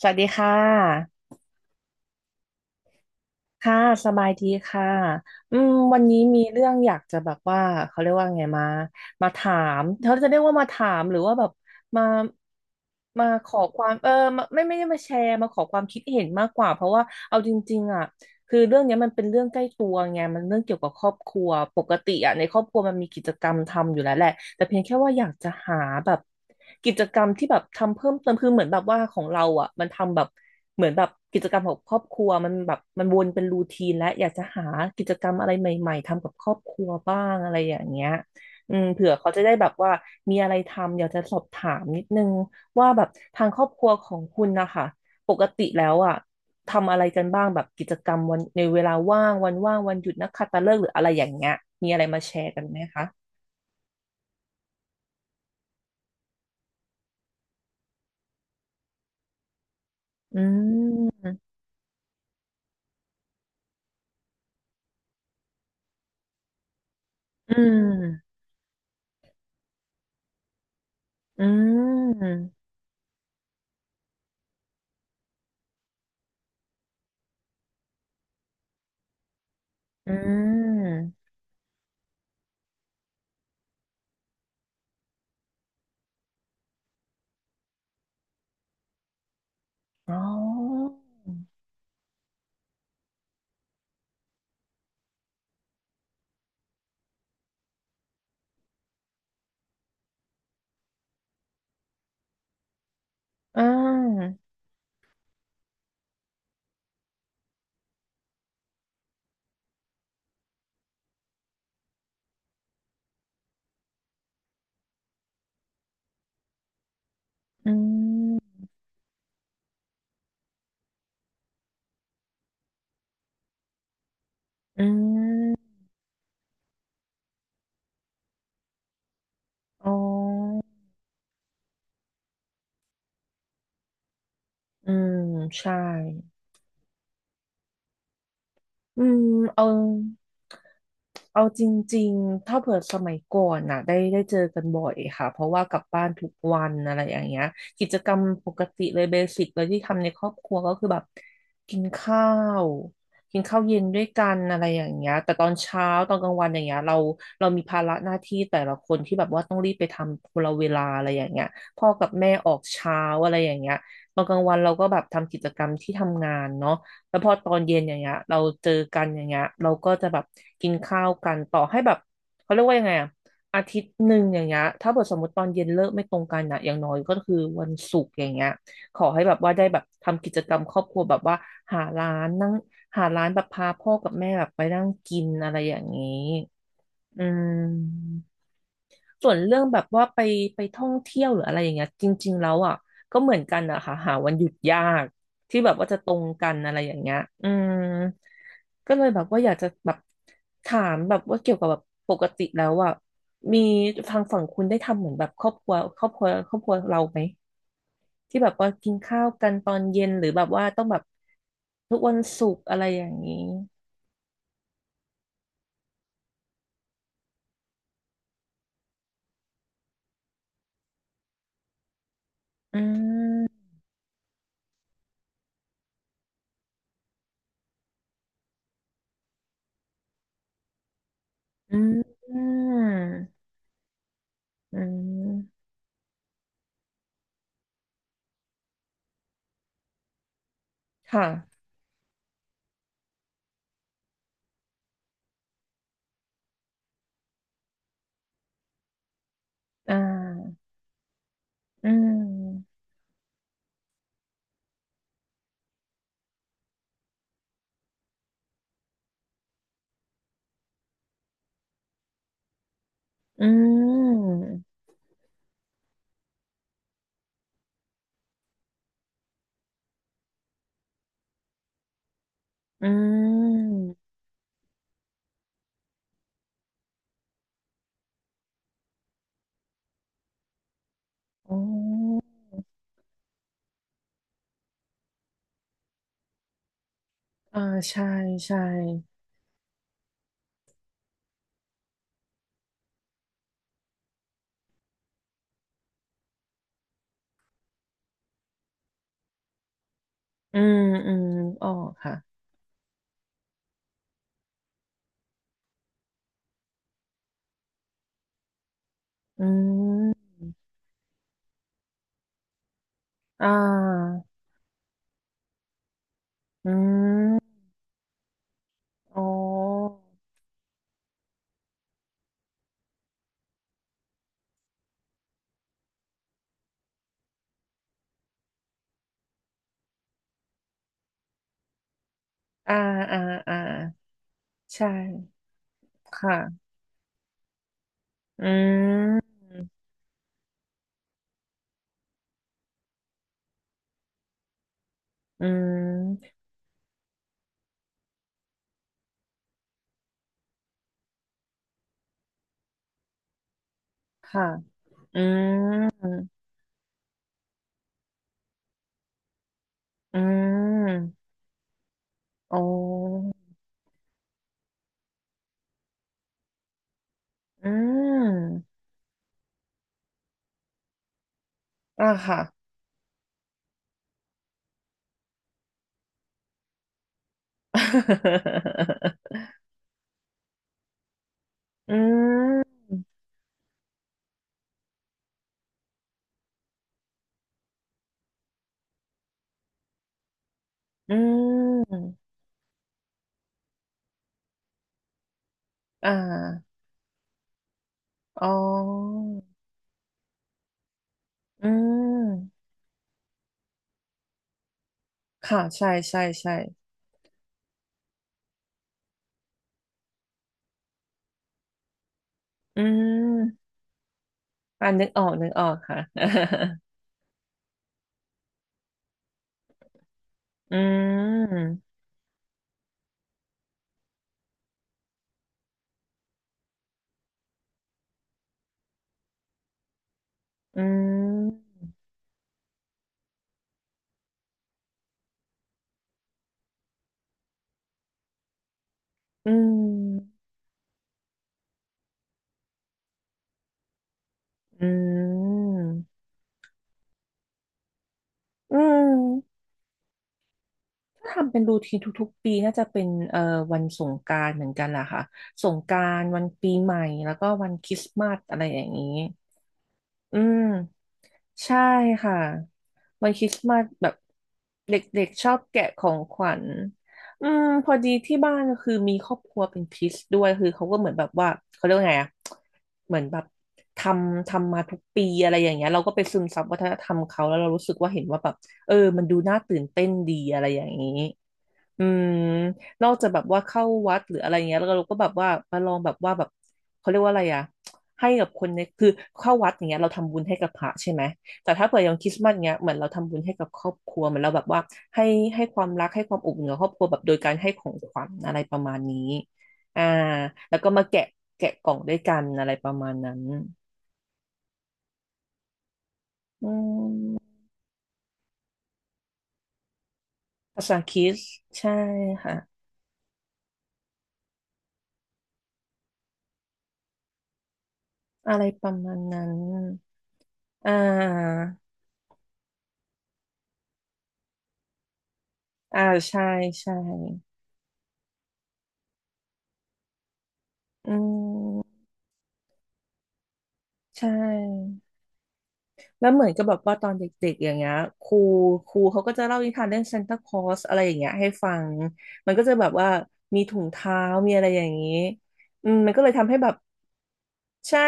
สวัสดีค่ะค่ะสบายดีค่ะวันนี้มีเรื่องอยากจะแบบว่าเขาเรียกว่าไงมาถามเขาจะเรียกว่ามาถามหรือว่าแบบมามาขอความมาไม่ได้มาแชร์มาขอความคิดเห็นมากกว่าเพราะว่าเอาจริงๆอ่ะ คือเรื่องเนี้ยมันเป็นเรื่องใกล้ตัวไงมันเรื่องเกี่ยวกับครอบครัวปกติอ่ะในครอบครัวมันมีกิจกรรมทำอยู่แล้วแหละแต่เพียงแค่ว่าอยากจะหาแบบกิจกรรมที่แบบทำเพิ่มเติมคือเหมือนแบบว่าของเราอ่ะมันทำแบบเหมือนแบบกิจกรรมของครอบครัวมันแบบมันวนเป็นรูทีนและอยากจะหากิจกรรมอะไรใหม่ๆทำกับครอบครัวบ้างอะไรอย่างเงี้ยเผื่อเขาจะได้แบบว่ามีอะไรทำอยากจะสอบถามนิดนึงว่าแบบทางครอบครัวของคุณนะคะปกติแล้วอ่ะ ทำอะไรกันบ้างแบบกิจกรรมวันในเวลาว่างวันว่างวันหยุดนักขัตฤกษ์หรืออะไรอย่างเงี้ยมีอะไรมาแชร์กันไหมคะอืมอืมอืมอืมอ๋ออ่าอืมอืมอ๋ออืมใช่อืมเอา เอาจริงๆถ้าเผื่อสมัยก่อนน่ะได้เจอกันบ่อยค่ะเพราะว่ากลับบ้านทุกวันอะไรอย่างเงี้ยกิจกรรมปกติเลยเบสิกเลยที่ทำในครอบครัวก็คือแบบกินข้าวกินข้าวเย็นด้วยกันอะไรอย่างเงี้ยแต่ตอนเช้าตอนกลางวันอย่างเงี้ยเรามีภาระหน้าที่แต่ละคนที่แบบว่าต้องรีบไปทำคนละเวลาอะไรอย่างเงี้ยพ่อกับแม่ออกเช้าอะไรอย่างเงี้ยตอนกลางวันเราก็แบบทำกิจกรรมที่ทำงานเนาะ แล้วพอตอนเย็นอย่างเงี้ยเราเจอกันอย่างเงี้ยเราก็จะแบบกินข้าวกันต่อให้แบบเขาเรียกว่ายังไงอะอาทิตย์หนึ่งอย่างเงี้ยถ้าเกิดสมมติตอนเย็นเลิกไม่ตรงกันอะอย่างน้อยก็คือวันศุกร์อย่างเงี้ยขอให้แบบว่าได้แบบทำกิจกรรมครอบครัวแบบว่าหาร้านนั่งหาร้านแบบพาพ่อกับแม่แบบไปนั่งกินอะไรอย่างนี้อืม ส่วนเรื่องแบบว่าไปท่องเที่ยวหรืออะไรอย่างเงี้ยจริงๆแล้วอ่ะก็เหมือนกันอะค่ะหาวันหยุดยากที่แบบว่าจะตรงกันอะไรอย่างเงี้ยอืมก็เลยแบบว่าอยากจะแบบถามแบบว่าเกี่ยวกับแบบปกติแล้วอ่ะมีทางฝั่งคุณได้ทำเหมือนแบบครอบครัวครอบครัวครอบครัวเราไหมที่แบบว่ากินข้าวกันตอนเย็นหรือแบบว่าต้องแบบทุกวันศุกร์อะไรอย่างนี้อืมอืมอืมค่ะอ่า อืมอืมอืมอ๋ออ่าใช่ใช่อืมอืมนึกออกค่ะอืมอ่าอืมอ๋ออ่าอ่าอ่าใช่ค่ะอืมอืมค่ะอืมอืมอ๋ออืมอ่าค่ะ อืมอืม อ่าอ๋ออืมค่ะใช่ใช่ใช่อืมอ่านึกออกค่ะ อืมอืมอืมอืมอืมถ้าทำเป็นรูทีนทุกๆปีน่าจะเป็นวันสงกรานต์เหมือนกันล่ะค่ะสงกรานต์วันปีใหม่แล้วก็วันคริสต์มาสอะไรอย่างนี้ อืมใช่ค่ะวันคริสต์มาสแบบเด็กๆชอบแกะของขวัญอืมพอดีที่บ้านก็คือมีครอบครัวเป็นคริสต์ด้วยคือเขาก็เหมือนแบบว่าเขาเรียกว่าไงอะเหมือนแบบททำมาทุกปีอะไรอย่างเงี้ยเราก็ไปซึมซับวัฒนธรรมเขาแล้วเรารู้สึกว่าเห็นว่าแบบเออมันดูน่าตื่นเต้นดีอะไรอย่างนี้อืม นอกจากแบบว่าเข้าวัดหรืออะไรเงี้ยแล้วเราก็แบบว่ามาลองแบบว่าแบบเขาเรียกว่าอะไรอะให้กับคนในคือเข้าวัดอย่างเงี้ยเราทำบุญให้กับพระใช่ไหมแต่ถ้าเปิดอย่างคริสต์มาสเงี้ยเหมือนเราทำบุญให้กับครอบครัวเหมือนเราแบบว่าให้ให้ความรักให้ความอบอุ่นกับครอบครัวแบบโดยการให้ของขวัญอะไรประมาณนี้อ่าแล้วก็มาแกะกล่องด้วยกันอะไรประมาณนั้นอืมภาษาคริสต์ใช่ค่ะอะไรประมาณนั้นอ่าอ่าใช่ใช่อืม ใช่แล้วเหมือนกับแบบว่าตอนเด็กๆอย่างเงี้ยครูครูเขาก็จะเล่านิทานเรื่องซานตาคลอสอะไรอย่างเงี้ยให้ฟังมันก็จะแบบว่ามีถุงเท้ามีอะไรอย่างนี้อืมมันก็เลยทำให้แบบใช่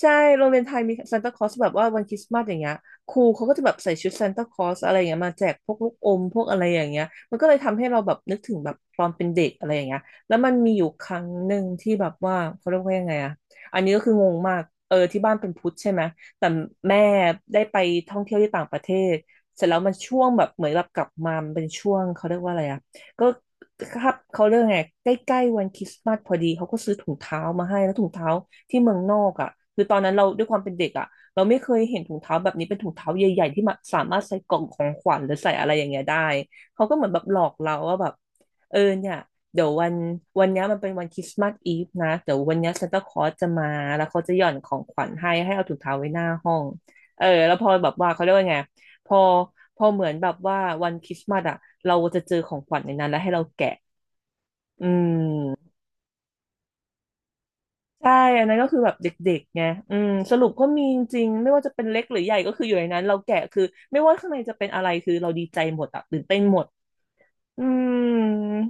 ใช่โรงเรียนไทยมีซานตาคลอสแบบว่าวันคริสต์มาสอย่างเงี้ยครูเขาก็จะแบบใส่ชุดซานตาคลอสอะไรอย่างเงี้ยมาแจกพวกลูกอมพวกอะไรอย่างเงี้ย มันก็เลยทำให้เราแบบนึกถึงแบบตอนเป็นเด็กอะไรอย่างเงี้ยแล้วมันมีอยู่ครั้งหนึ่งที่แบบว่าเขาเรียกว่ายังไงอะอันนี้ก็คืองงมากเออที่บ้านเป็นพุทธใช่ไหม แต่แม่ได้ไปท่องเที่ยวที่ต่างประเทศเสร็จแล้วมันช่วงแบบเหมือนแบบกลับมามันเป็นช่วงเขาเรียกว่าอะไรอะ ก็ครับเขาเรื่องไงใกล้ๆวันคริสต์มาสพอดีเขาก็ซื้อถุงเท้ามาให้แล้วถุงเท้าที่เมืองนอกอ่ะคือตอนนั้นเราด้วยความเป็นเด็กอ่ะเราไม่เคยเห็นถุงเท้าแบบนี้เป็นถุงเท้าใหญ่ๆที่มาสามารถใส่กล่องของขวัญหรือใส่อะไรอย่างเงี้ยได้เขาก็เหมือนแบบหลอกเราว่าแบบเออเนี่ยเดี๋ยววันเนี้ยมันเป็นวันคริสต์มาสอีฟนะเดี๋ยววันเนี้ยซานตาคลอสจะมาแล้วเขาจะหย่อนของขวัญให้ให้เอาถุงเท้าไว้หน้าห้องเออแล้วพอแบบว่าเขาเรียกว่าไง พอพอเหมือนแบบว่าวันคริสต์มาสอ่ะเราจะเจอของขวัญในนั้นแล้วให้เราแกะอืมใช่อันนั้นก็คือแบบเด็กๆไงอืมสรุปก็มีจริงไม่ว่าจะเป็นเล็กหรือใหญ่ก็คืออยู่ในนั้นเราแกะคือไม่ว่าข้างในจะเป็นอะไรคือเราดีใจหมดอ่ะตื่นเต้นหมดอืม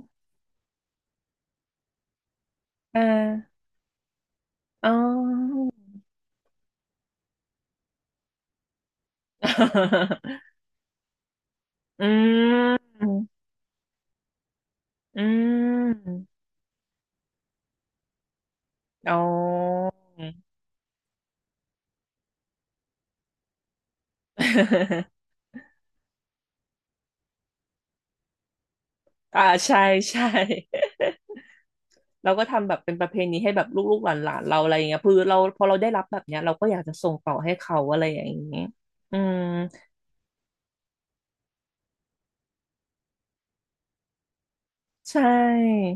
อ่าอ๋อ อืมอืมอ๋อ อ่าใช่ใช่ เราก็ทำแบบเป็นประเพณีให้แบบลูกๆหลานๆเราอะไรอย่างเงี้ยคือเราพอเราได้รับแบบเนี้ยเราก็อยากจะส่งต่อให้เขาอะไรอย่างเงี้ยอืมใช่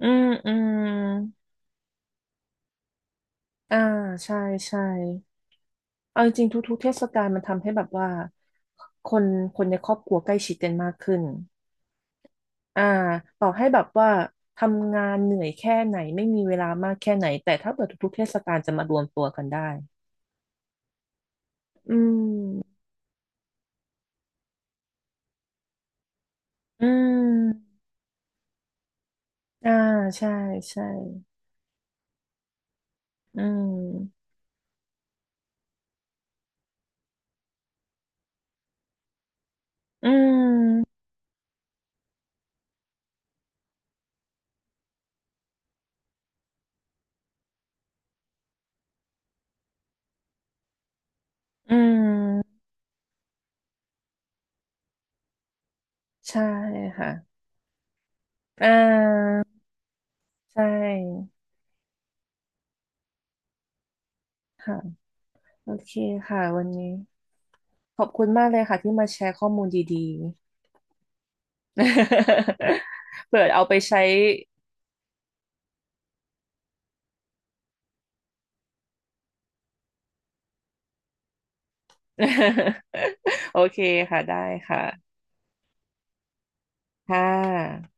อืมอืมอ่าใช่ใช่เอาจริงๆทุกๆเทศกาลมันทำให้แบบว่าคนคนในครอบครัวใกล้ชิดกันมากขึ้นอ่าต่อให้แบบว่าทำงานเหนื่อยแค่ไหนไม่มีเวลามากแค่ไหนแต่ถ้าเกิดทุกๆเทศกาลจะมารวมตัวกันได้อืมอืมอ่าใช่ใช่ อืม อืม อืม ใช่ค่ะ อ่า ใช่ค่ะ โอเคค่ะวันนี้ ขอบคุณมากเลยค่ะที่มาแชร์ข้อมูลดีๆ เผื่อเอาไปใช้ โอเคค่ะได้ค่ะ ค่ะ